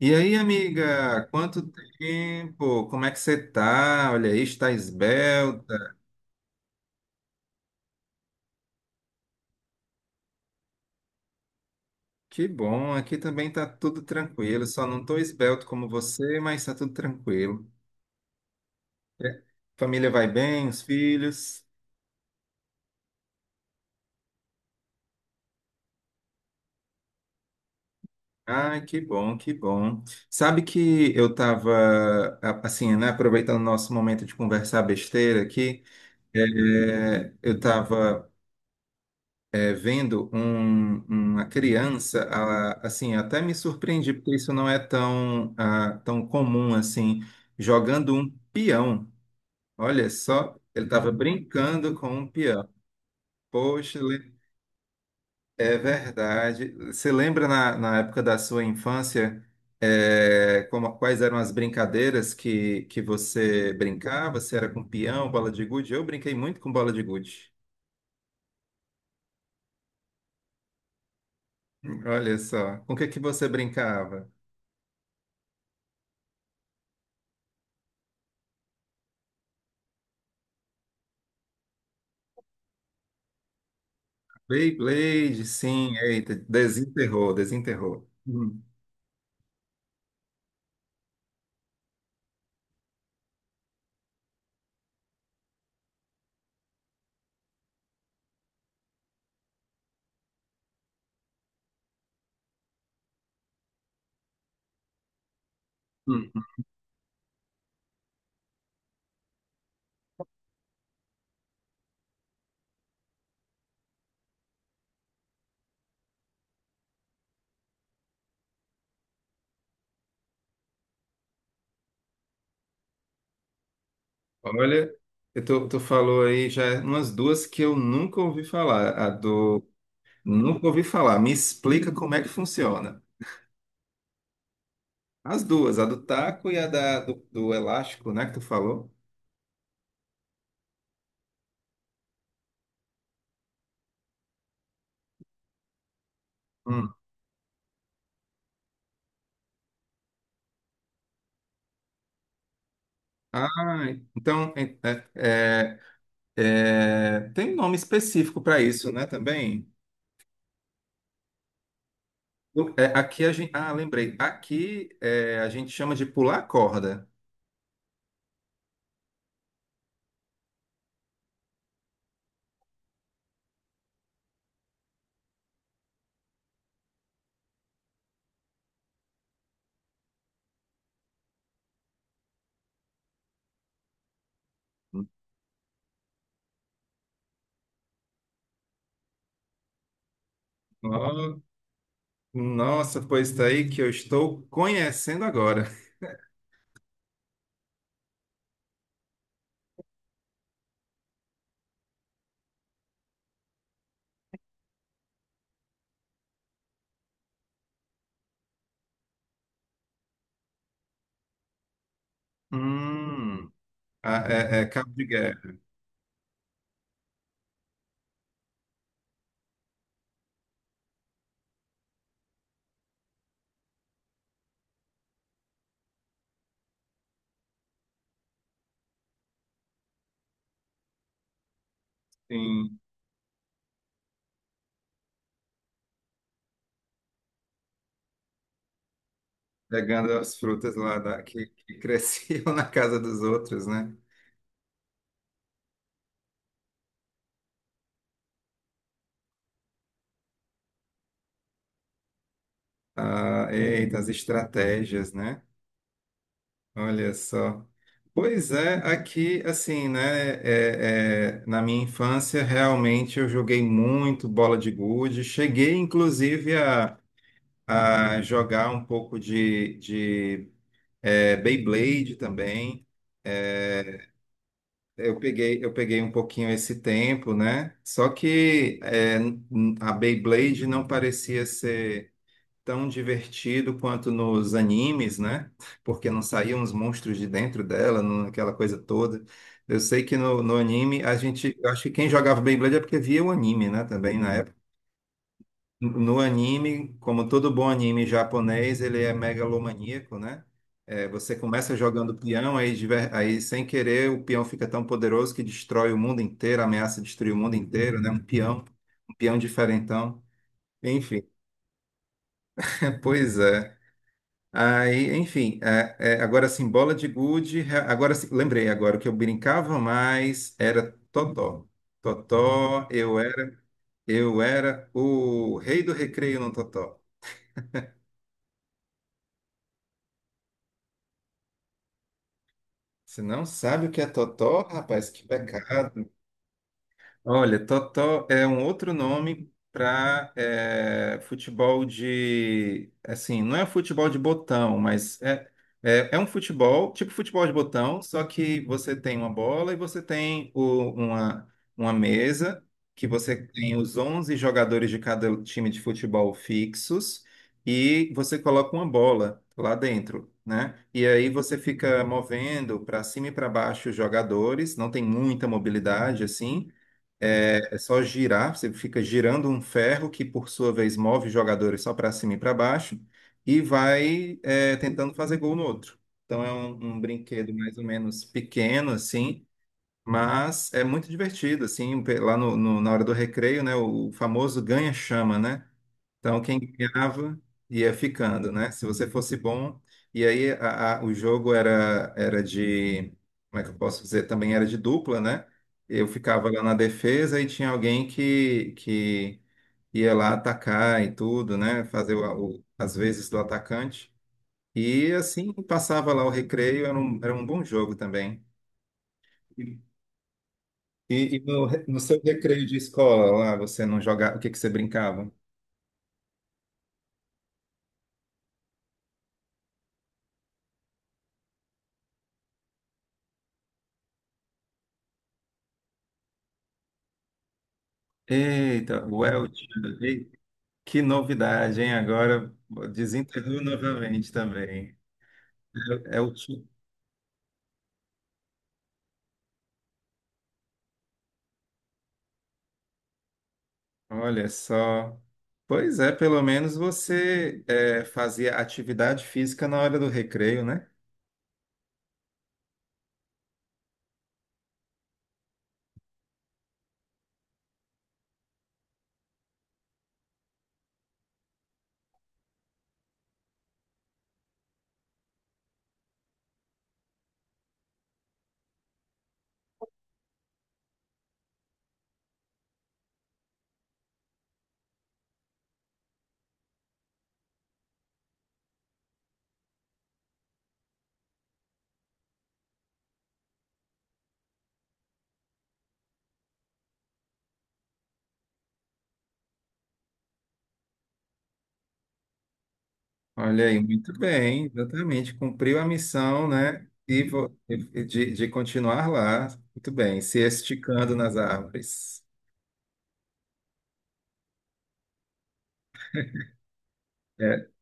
E aí, amiga, quanto tempo? Como é que você tá? Olha aí, está esbelta. Que bom, aqui também tá tudo tranquilo. Só não tô esbelto como você, mas tá tudo tranquilo. É. Família vai bem, os filhos. Ai, que bom, que bom. Sabe que eu tava, assim, né, aproveitando o nosso momento de conversar besteira aqui, é, eu estava é, vendo uma criança, assim, até me surpreendi, porque isso não é tão, ah, tão comum assim, jogando um peão. Olha só, ele estava brincando com um peão. Poxa, le- É verdade. Você lembra na época da sua infância, é, quais eram as brincadeiras que você brincava? Se era com peão, bola de gude? Eu brinquei muito com bola de gude. Olha só, com o que que você brincava? Beyblade, sim, eita, desenterrou, desenterrou. Hum. Olha, tu falou aí já umas duas que eu nunca ouvi falar. A do. Nunca ouvi falar. Me explica como é que funciona. As duas, a do taco e a do elástico, né, que tu falou? Hum. Ah, então é- tem um nome específico para isso, né, também? É, aqui a gente. Ah, lembrei. Aqui é, a gente chama de pular corda. Nossa, pois tá aí que eu estou conhecendo agora. Hum. Ah, é, é cabo de guerra, sim, pegando as frutas lá da, que cresciam na casa dos outros, né? Ah, eita, as estratégias, né? Olha só. Pois é, aqui, assim, né? É, é, na minha infância, realmente eu joguei muito bola de gude. Cheguei, inclusive, a jogar um pouco de é, Beyblade também. É, eu peguei um pouquinho esse tempo, né? Só que a Beyblade não parecia ser tão divertido quanto nos animes, né? Porque não saíam os monstros de dentro dela, aquela coisa toda. Eu sei que no anime a gente, eu acho que quem jogava Beyblade é porque via o anime, né? Também na no anime, como todo bom anime japonês, ele é megalomaníaco, né? É, você começa jogando peão, aí sem querer o peão fica tão poderoso que destrói o mundo inteiro, ameaça destruir o mundo inteiro, né? Um peão diferentão. Enfim, é, pois é. Aí, enfim, agora sim, bola de gude. Agora sim, lembrei agora, o que eu brincava mais era Totó. Totó, eu era o rei do recreio no Totó. Você não sabe o que é totó, rapaz? Que pecado. Olha, totó é um outro nome para futebol de, assim, não é futebol de botão, mas é um futebol, tipo futebol de botão, só que você tem uma bola e você tem uma mesa, que você tem os 11 jogadores de cada time de futebol fixos e você coloca uma bola lá dentro. Né? E aí você fica movendo para cima e para baixo os jogadores, não tem muita mobilidade assim, só girar, você fica girando um ferro que, por sua vez, move os jogadores só para cima e para baixo e vai é, tentando fazer gol no outro. Então é um, um brinquedo mais ou menos pequeno, assim, mas é muito divertido, assim, lá na hora do recreio, né, o famoso ganha-chama, né? Então, quem ganhava ia ficando, né? Se você fosse bom. E aí, o jogo era de. Como é que eu posso dizer? Também era de dupla, né? Eu ficava lá na defesa e tinha alguém que ia lá atacar e tudo, né? Fazer as vezes do atacante. E assim, passava lá o recreio, era um bom jogo também. E no seu recreio de escola lá, você não jogava, o que que você brincava? Eita, Welch, que novidade, hein? Agora desenterrou novamente também. É, é o ti- Olha só. Pois é, pelo menos você é, fazia atividade física na hora do recreio, né? Olha aí, muito bem, exatamente. Cumpriu a missão, né? De continuar lá. Muito bem, se esticando nas árvores. É,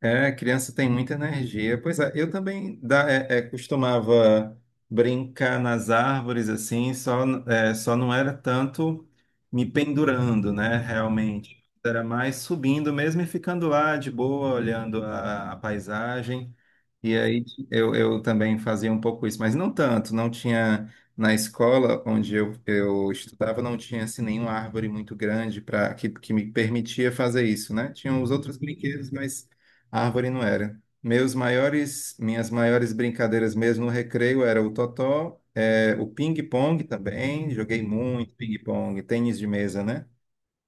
é, criança tem muita energia. Pois é, eu também da, costumava brincar nas árvores assim, só, é, só não era tanto me pendurando, né, realmente. Era mais subindo mesmo e ficando lá de boa, olhando a paisagem. E aí eu também fazia um pouco isso, mas não tanto, não tinha na escola onde eu estudava, não tinha assim nenhuma árvore muito grande para que me permitia fazer isso, né? Tinham os outros brinquedos, mas a árvore não era. Minhas maiores brincadeiras mesmo no recreio era o totó, é, o ping-pong também, joguei muito ping-pong, tênis de mesa, né?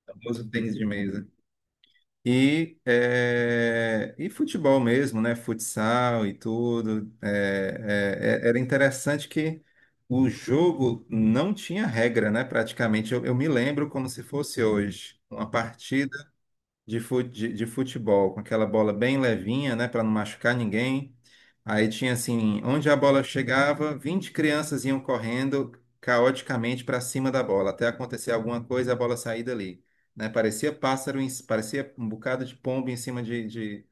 O famoso tênis de mesa. E, é, e futebol mesmo, né? Futsal e tudo. Era interessante que o jogo não tinha regra, né? Praticamente, eu me lembro como se fosse hoje. Uma de futebol, com aquela bola bem levinha, né, para não machucar ninguém. Aí tinha assim, onde a bola chegava, 20 crianças iam correndo caoticamente para cima da bola, até acontecer alguma coisa e a bola sair dali, né? Parecia pássaro, parecia um bocado de pombo em cima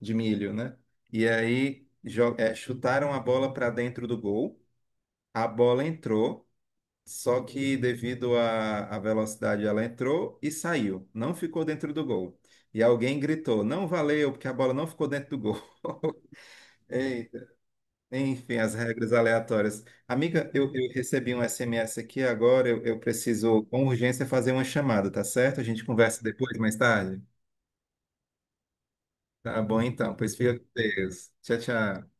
de milho, né? E aí é, chutaram a bola para dentro do gol, a bola entrou. Só que devido à velocidade ela entrou e saiu, não ficou dentro do gol. E alguém gritou: "Não valeu, porque a bola não ficou dentro do gol". Eita. Enfim, as regras aleatórias. Amiga, eu recebi um SMS aqui agora, eu preciso com urgência fazer uma chamada, tá certo? A gente conversa depois, mais tarde. Tá bom então, pois fica com Deus. Tchau, tchau.